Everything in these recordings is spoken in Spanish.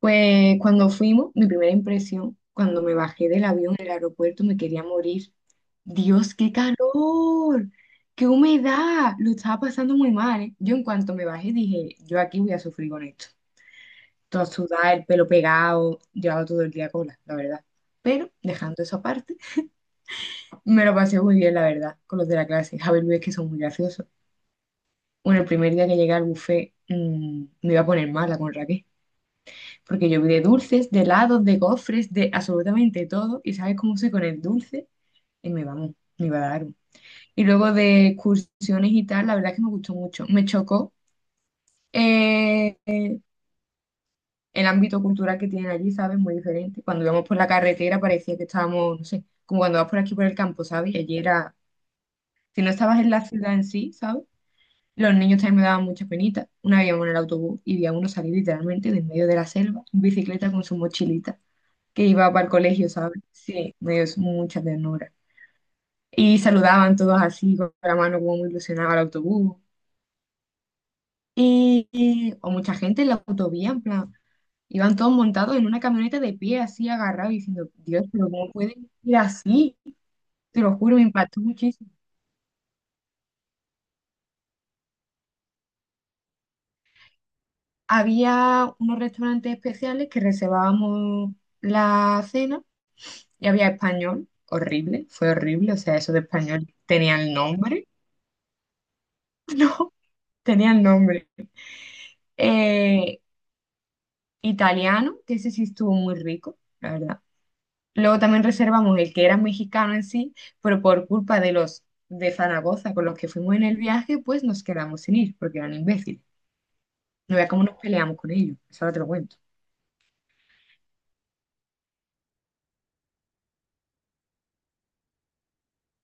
Pues cuando fuimos, mi primera impresión, cuando me bajé del avión en el aeropuerto, me quería morir. Dios, qué calor, qué humedad, lo estaba pasando muy mal, ¿eh? Yo en cuanto me bajé dije, yo aquí voy a sufrir con esto. Toda sudada, el pelo pegado, llevaba todo el día cola, la verdad. Pero dejando eso aparte, me lo pasé muy bien, la verdad, con los de la clase. Javier Luis, que son muy graciosos. Bueno, el primer día que llegué al buffet, me iba a poner mala con Raquel. Porque yo vi de dulces, de helados, de gofres, de absolutamente todo. Y sabes cómo soy con el dulce. Y me vamos, me va a dar. Y luego de excursiones y tal, la verdad es que me gustó mucho. Me chocó eh, eh, el ámbito cultural que tienen allí, ¿sabes? Muy diferente. Cuando íbamos por la carretera parecía que estábamos, no sé, como cuando vas por aquí por el campo, ¿sabes? Y allí era, si no estabas en la ciudad en sí, ¿sabes? Los niños también me daban mucha penita. Una vez íbamos en el autobús y vi a uno salir literalmente del medio de la selva, en bicicleta con su mochilita, que iba para el colegio, ¿sabes? Sí, me dio mucha ternura. Y saludaban todos así, con la mano como muy ilusionada al autobús. O mucha gente en la autovía, en plan, iban todos montados en una camioneta de pie, así agarrados, y diciendo, Dios, pero ¿cómo pueden ir así? Te lo juro, me impactó muchísimo. Había unos restaurantes especiales que reservábamos la cena y había español, horrible, fue horrible, o sea, eso de español tenía el nombre, no, tenía el nombre Eh, italiano, que ese sí estuvo muy rico, la verdad. Luego también reservamos el que era mexicano en sí, pero por culpa de los de Zaragoza con los que fuimos en el viaje, pues nos quedamos sin ir, porque eran imbéciles. No veas cómo nos peleamos con ellos, eso ahora te lo cuento.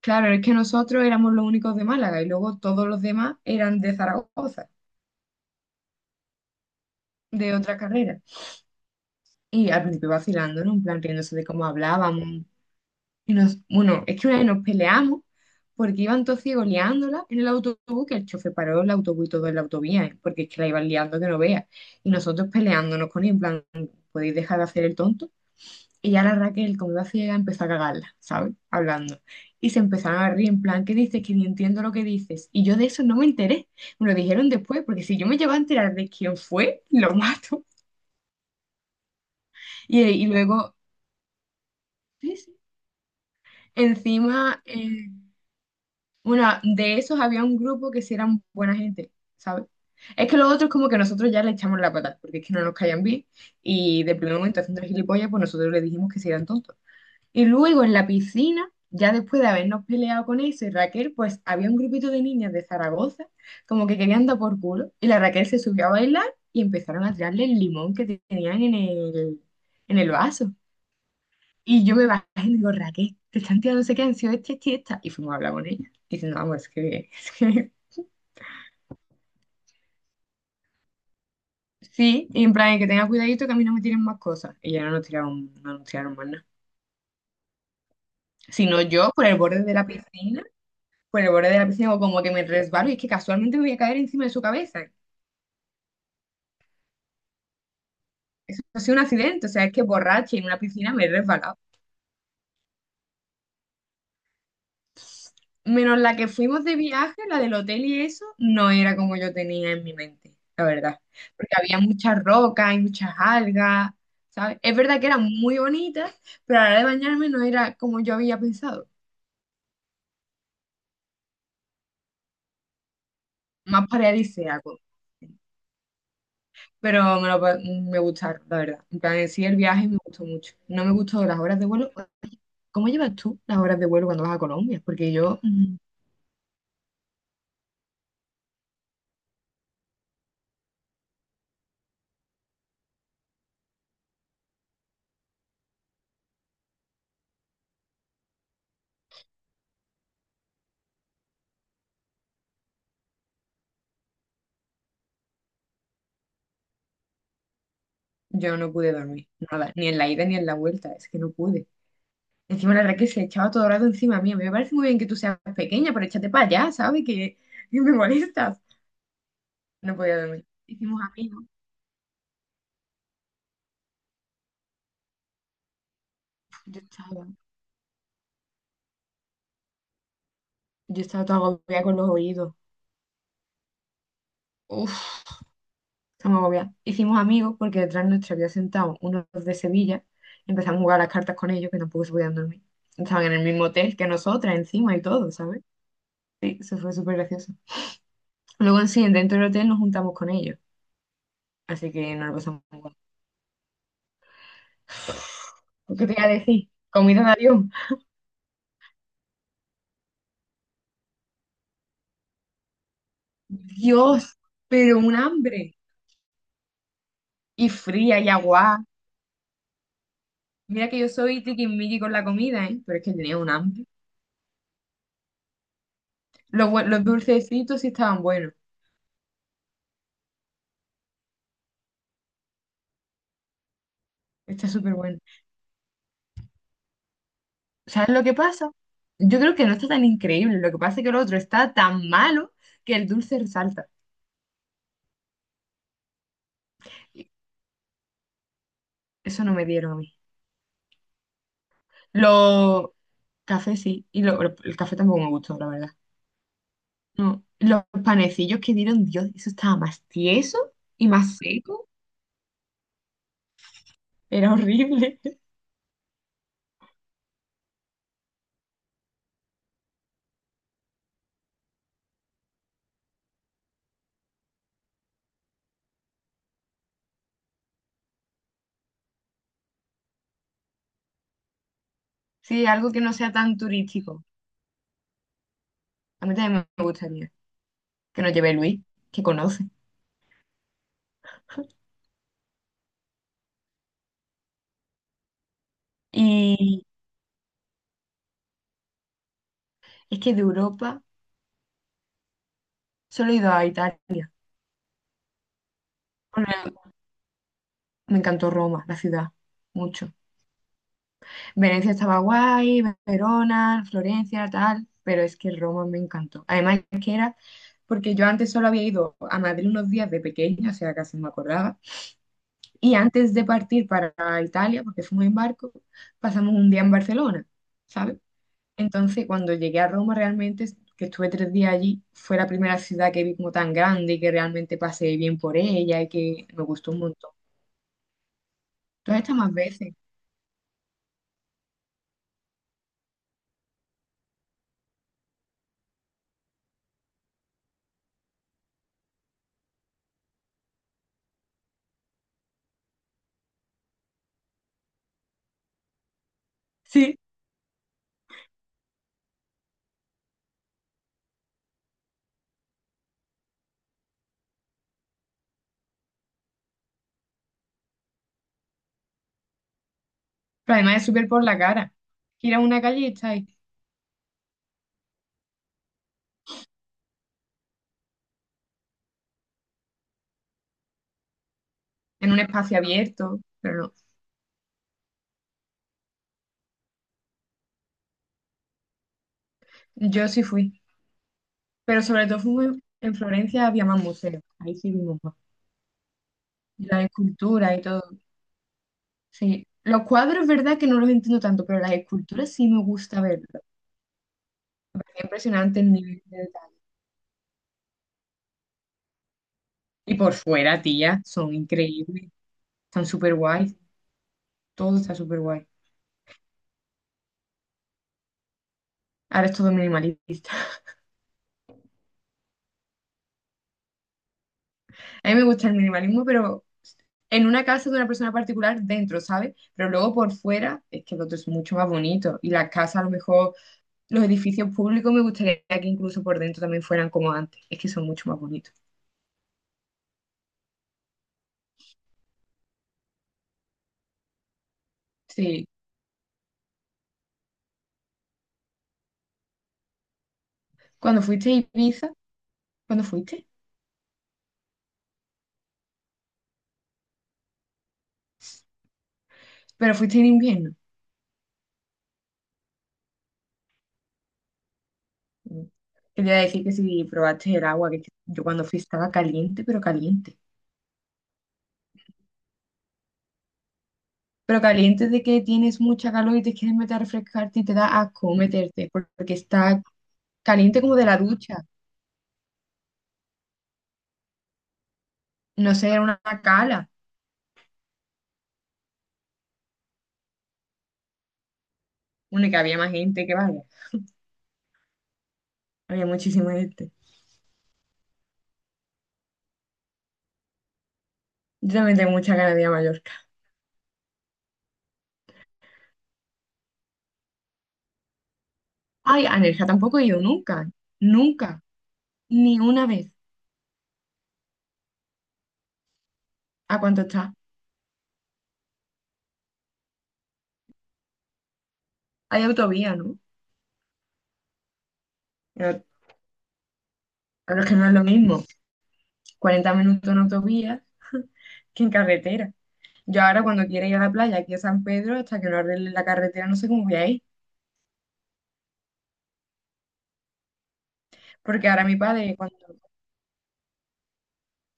Claro, es que nosotros éramos los únicos de Málaga y luego todos los demás eran de Zaragoza, de otra carrera. Y al principio vacilando, ¿no? En plan, riéndose de cómo hablábamos. Y nos, bueno, es que una vez nos peleamos porque iban todos ciegos liándola en el autobús, que el chofer paró el autobús y todo en la autovía, ¿eh? Porque es que la iban liando que no veas. Y nosotros peleándonos con ella, en plan, ¿podéis dejar de hacer el tonto? Y ya la Raquel, como iba ciega, empezó a cagarla, ¿sabes? Hablando. Y se empezaron a reír, en plan, ¿qué dices? Que ni entiendo lo que dices. Y yo de eso no me enteré. Me lo dijeron después, porque si yo me llevaba a enterar de quién fue, lo mato. Y luego, sí, sí. Encima, bueno, de esos había un grupo que sí eran buena gente, ¿sabes? Es que los otros como que nosotros ya le echamos la patada, porque es que no nos caían bien, y de primer momento haciendo el gilipollas, pues nosotros le dijimos que se eran tontos. Y luego en la piscina, ya después de habernos peleado con eso, y Raquel, pues había un grupito de niñas de Zaragoza, como que querían dar por culo, y la Raquel se subió a bailar y empezaron a tirarle el limón que tenían en el vaso. Y yo me bajé y le digo, Raquel, te están tirando no sé qué, han sido esta, esta y esta. Y fuimos a hablar con ella, y diciendo, vamos, es que, es que sí, y en plan, que tenga cuidadito que a mí no me tiren más cosas. Y ya no nos tiraron, no nos tiraron más nada. Sino yo por el borde de la piscina, o como que me resbalo y es que casualmente me voy a caer encima de su cabeza. Eso ha sido un accidente, o sea, es que borracha y en una piscina me he resbalado. Menos la que fuimos de viaje, la del hotel y eso, no era como yo tenía en mi mente, la verdad. Porque había muchas rocas y muchas algas, ¿sabes? Es verdad que eran muy bonitas, pero a la hora de bañarme no era como yo había pensado, más paradisíaco. Pero me gustaron, la verdad. En plan, en sí, el viaje me gustó mucho. No me gustó las horas de vuelo. ¿Cómo llevas tú las horas de vuelo cuando vas a Colombia? Porque yo, yo no pude dormir, nada, ni en la ida ni en la vuelta, es que no pude. Encima la verdad que se echaba todo el rato encima mío. Me parece muy bien que tú seas pequeña, pero échate para allá, ¿sabes? Que me molestas. No podía dormir. Hicimos amigos. Yo estaba, yo estaba toda agobiada con los oídos. Uf, estaba agobiada. Hicimos amigos porque detrás nuestro había sentado unos de Sevilla y empezamos a jugar a las cartas con ellos que tampoco se podían dormir. Estaban en el mismo hotel que nosotras, encima y todo, ¿sabes? Sí, eso fue súper gracioso. Luego en sí, dentro del hotel nos juntamos con ellos. Así que nos lo pasamos muy bien. ¿Qué te voy a decir? Comida de avión. Dios, pero un hambre. Y fría y agua. Mira que yo soy tiquismiqui con la comida, ¿eh? Pero es que tenía un hambre. Los dulcecitos sí estaban buenos. Está súper bueno. ¿Sabes lo que pasa? Yo creo que no está tan increíble. Lo que pasa es que el otro está tan malo que el dulce resalta. Y Eso no me dieron a mí. Los cafés sí. Y el café tampoco me gustó, la verdad. No. Los panecillos que dieron, Dios, eso estaba más tieso y más seco. Era horrible. Sí, algo que no sea tan turístico. A mí también me gustaría que nos lleve Luis, que conoce. Y es que de Europa solo he ido a Italia. Bueno, me encantó Roma, la ciudad, mucho. Venecia estaba guay, Verona, Florencia, tal, pero es que Roma me encantó. Además, es que era porque yo antes solo había ido a Madrid unos días de pequeña, o sea, casi no me acordaba. Y antes de partir para Italia, porque fuimos en barco, pasamos un día en Barcelona, ¿sabes? Entonces, cuando llegué a Roma, realmente, que estuve 3 días allí, fue la primera ciudad que vi como tan grande y que realmente pasé bien por ella y que me gustó un montón. ¿Tú has estado más veces? Sí. Pero además es súper por la cara. Ir a una calle y estar ahí, en un espacio abierto, pero no. Yo sí fui. Pero sobre todo fui muy- en Florencia, había más museos. Ahí sí vimos más. Y las esculturas y todo. Sí. Los cuadros, verdad que no los entiendo tanto, pero las esculturas sí me gusta verlos. Me parecía impresionante el nivel de detalle. Y por fuera, tía, son increíbles, están súper guays, todo está súper guay. Ahora es todo minimalista. A mí me gusta el minimalismo, pero en una casa de una persona particular dentro, ¿sabes? Pero luego por fuera es que el otro es mucho más bonito. Y las casas, a lo mejor, los edificios públicos, me gustaría que incluso por dentro también fueran como antes. Es que son mucho más bonitos. Sí. Cuando fuiste a Ibiza, ¿cuándo fuiste? Pero fuiste en invierno. Mm. Quería decir que si probaste el agua, que yo cuando fui estaba caliente, pero caliente. Pero caliente de que tienes mucha calor y te quieres meter a refrescarte y te da asco meterte, porque está caliente como de la ducha. No sé, era una cala. Una que había más gente que vaya. Había muchísima gente. Yo también tengo mucha ganas de ir a Mallorca. Ay, a Nerja tampoco he ido nunca. Nunca. Ni una vez. ¿A cuánto está? Hay autovía, ¿no? Pero pero es que no es lo mismo. 40 minutos en autovía que en carretera. Yo ahora cuando quiera ir a la playa aquí a San Pedro, hasta que no arregle la carretera, no sé cómo voy a ir. Porque ahora mi padre, cuando...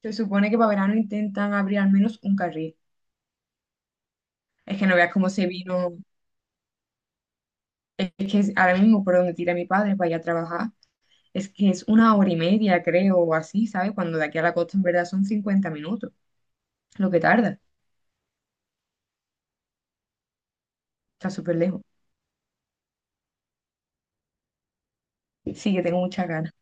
Se supone que para verano intentan abrir al menos un carril. Es que no veas cómo se vino. Es que ahora mismo por donde tira mi padre para ir a trabajar, es que es 1 hora y media, creo, o así, ¿sabes? Cuando de aquí a la costa en verdad son 50 minutos, lo que tarda. Está súper lejos. Sí, que tengo mucha ganas